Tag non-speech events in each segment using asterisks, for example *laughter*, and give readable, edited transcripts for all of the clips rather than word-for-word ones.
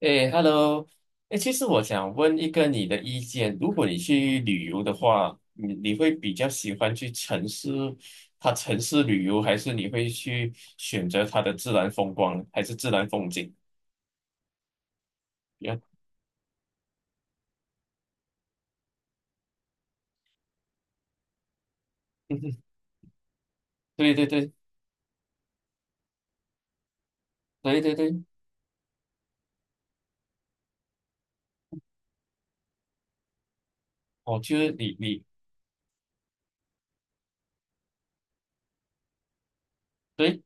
哎，Hello，哎，其实我想问一个你的意见，如果你去旅游的话，你会比较喜欢去城市，它城市旅游，还是你会去选择它的自然风光，还是自然风景？呀，嗯哼对对对对对对，哦，就是你对，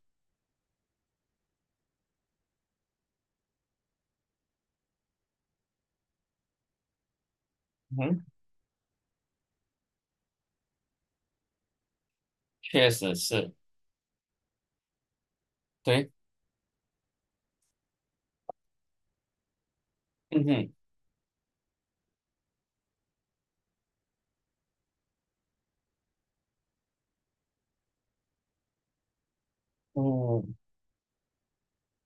嗯哼，确实是，对，嗯哼，嗯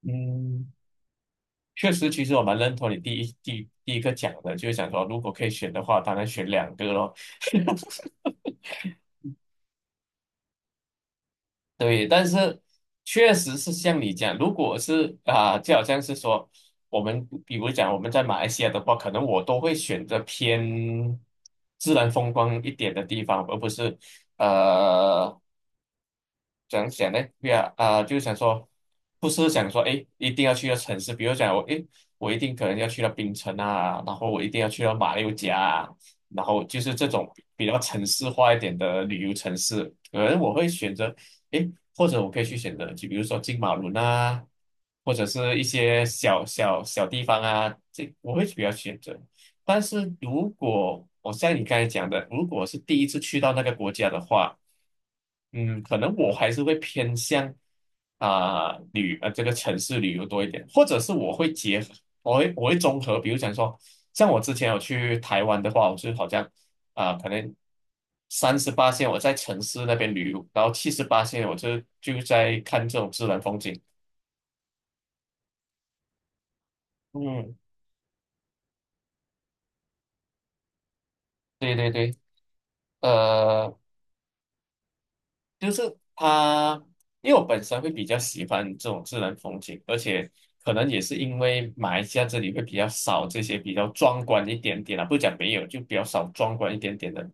嗯，确实，其实我蛮认同你第一个讲的，就是想说，如果可以选的话，当然选两个咯。对，但是确实是像你讲，如果是啊、就好像是说，我们比如讲我们在马来西亚的话，可能我都会选择偏自然风光一点的地方，而不是呃怎样讲呢？不要啊、就是想说，不是想说，哎，一定要去到城市，比如讲我，哎，我一定可能要去到槟城啊，然后我一定要去到马六甲啊，然后就是这种比较城市化一点的旅游城市，可能我会选择，哎，或者我可以去选择，就比如说金马伦啊，或者是一些小小地方啊，这我会比较选择。但是如果我像你刚才讲的，如果是第一次去到那个国家的话，嗯，可能我还是会偏向啊、这个城市旅游多一点，或者是我会结合，我会综合，比如讲说，像我之前有去台湾的话，我是好像啊、可能38线我在城市那边旅游，然后78线我就在看这种自然风景。嗯，对对对，呃。就是它，因为我本身会比较喜欢这种自然风景，而且可能也是因为马来西亚这里会比较少这些比较壮观一点点啊，不讲没有，就比较少壮观一点点的。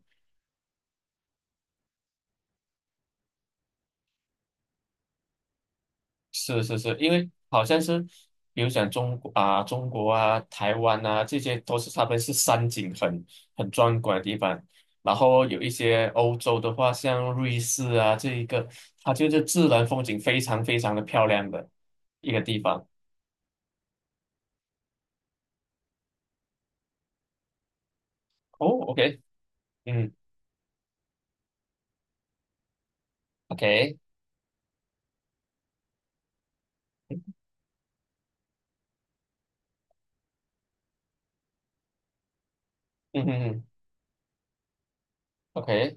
是是是，因为好像是，比如讲中国啊、台湾啊，这些都是他们是山景很壮观的地方。然后有一些欧洲的话，像瑞士啊这一个，它就是自然风景非常非常的漂亮的一个地方。哦，OK。嗯。OK，嗯哼哼，OK，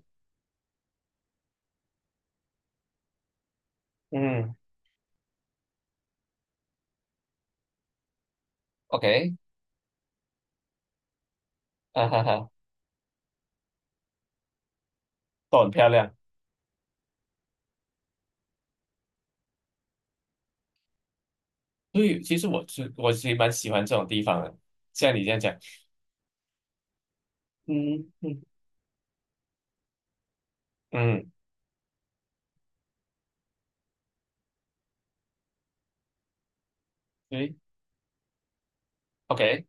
嗯，OK，啊哈哈，都很漂亮。所以其实我其实蛮喜欢这种地方的，像你这样讲，嗯嗯嗯，对，OK，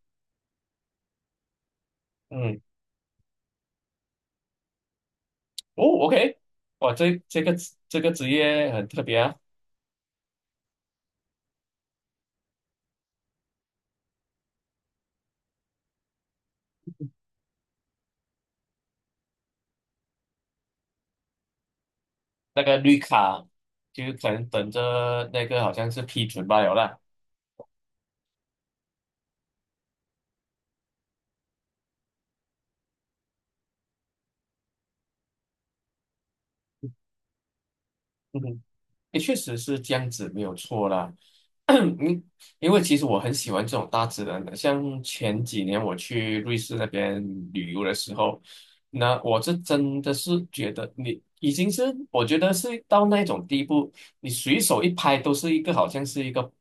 嗯，哦，OK，哇，这个职业很特别啊，那个绿卡就可能等着那个好像是批准罢了啦。也确实是这样子，没有错啦。*coughs* *clears throat* 嗯，因为其实我很喜欢这种大自然的，像前几年我去瑞士那边旅游的时候，那我是真的是觉得你已经是，我觉得是到那种地步，你随手一拍都是一个好像是一个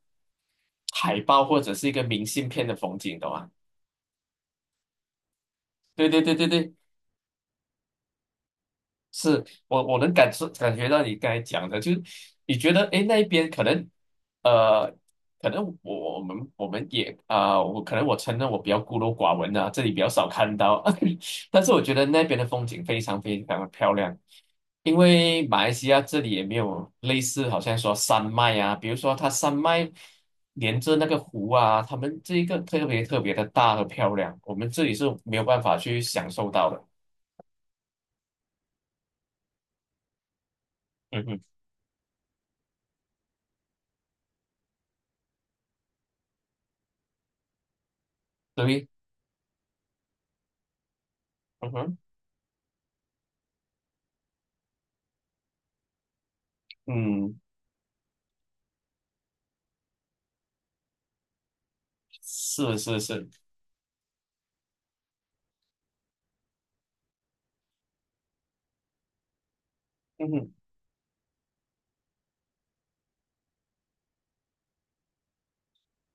海报或者是一个明信片的风景，懂吗？对对对对对，是我能感觉到你刚才讲的，就是你觉得诶那一边呃可能我们也啊、我可能我承认我比较孤陋寡闻啊，这里比较少看到，*laughs* 但是我觉得那边的风景非常非常的漂亮，因为马来西亚这里也没有类似好像说山脉啊，比如说它山脉连着那个湖啊，他们这一个特别特别的大和漂亮，我们这里是没有办法去享受到的。嗯哼，对，嗯哼。嗯，是是是，嗯，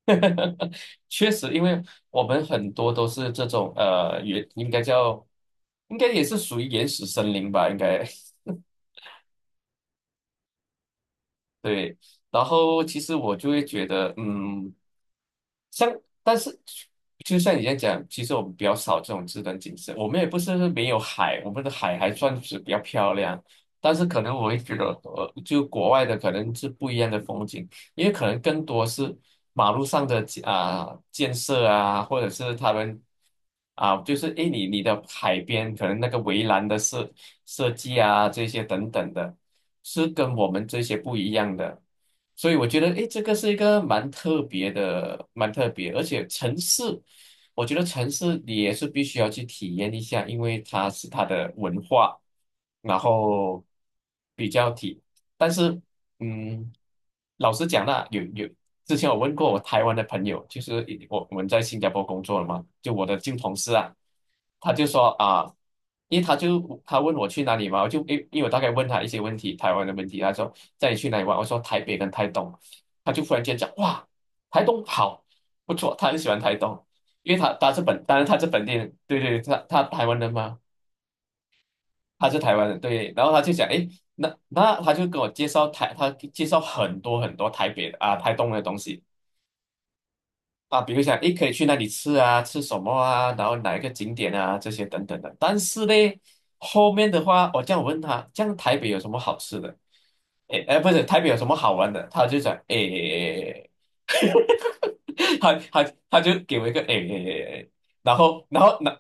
*laughs* 确实，因为我们很多都是这种应该叫，应该也是属于原始森林吧，应该 *laughs* 对。然后其实我就会觉得，嗯。像，但是就像你这样讲，其实我们比较少这种自然景色，我们也不是没有海，我们的海还算是比较漂亮，但是可能我会觉得，就国外的可能是不一样的风景，因为可能更多是马路上的建设啊，或者是他们啊，就是诶，你的海边可能那个围栏的是。设计啊这些等等的，是跟我们这些不一样的。所以我觉得，诶，这个是一个蛮特别的，蛮特别，而且城市，我觉得城市你也是必须要去体验一下，因为它是它的文化，然后比较体，但是。嗯，老实讲啦，之前我问过我台湾的朋友，就是我们在新加坡工作了嘛，就我的旧同事啊，他就说啊，因为他问我去哪里嘛，我就因为我大概问他一些问题，台湾的问题，他说带你去哪里玩，我说台北跟台东，他就忽然间讲哇，台东好不错，他很喜欢台东，因为他当然他是本地人，对对，他台湾人嘛，他是台湾人，对，然后他就讲，诶，那他就跟我介绍台，他介绍很多很多台北的啊、台东的东西啊，比如讲，诶，可以去那里吃啊，吃什么啊，然后哪一个景点啊，这些等等的。但是呢，后面的话，我这样问他，这样台北有什么好吃的？诶，哎，不是，台北有什么好玩的？他就讲，诶。*laughs* 他就给我一个哎哎哎哎，然后那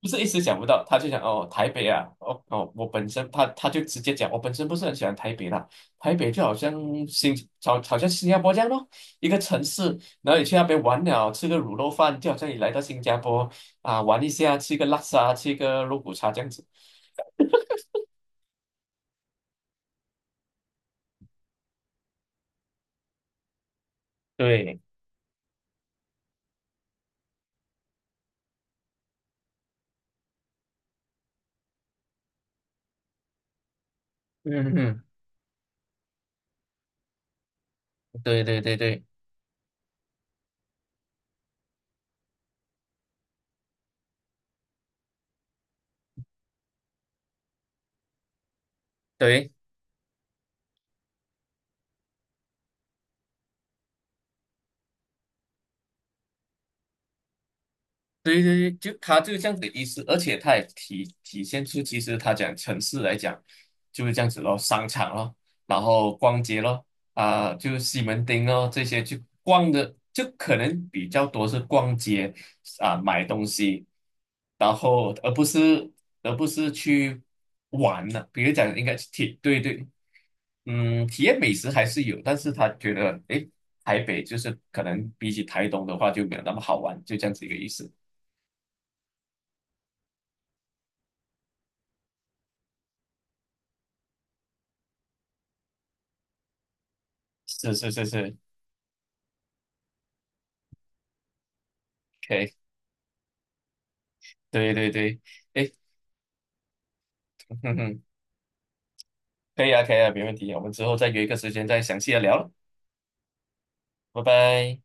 不是一时想不到，他就讲哦台北啊，哦哦我本身他就直接讲我本身不是很喜欢台北啦，台北就好像新好像新加坡这样咯，一个城市，然后你去那边玩了，吃个卤肉饭，就好像你来到新加坡啊玩一下，吃个拉沙，吃个肉骨茶这样子。对，嗯嗯对对对对对，对对对，就他就是这样子的意思，而且他也体现出，其实他讲城市来讲就是这样子咯，商场咯，然后逛街咯，啊、就是西门町咯这些去逛的，就可能比较多是逛街啊、买东西，然后而不是去玩了、比如讲应该是对对，嗯，体验美食还是有，但是他觉得诶，台北就是可能比起台东的话就没有那么好玩，就这样子一个意思。是是是是，可以，对对对，哎，*laughs* 哼哼，可以啊，可以啊，没问题，我们之后再约一个时间再详细的聊了，拜拜。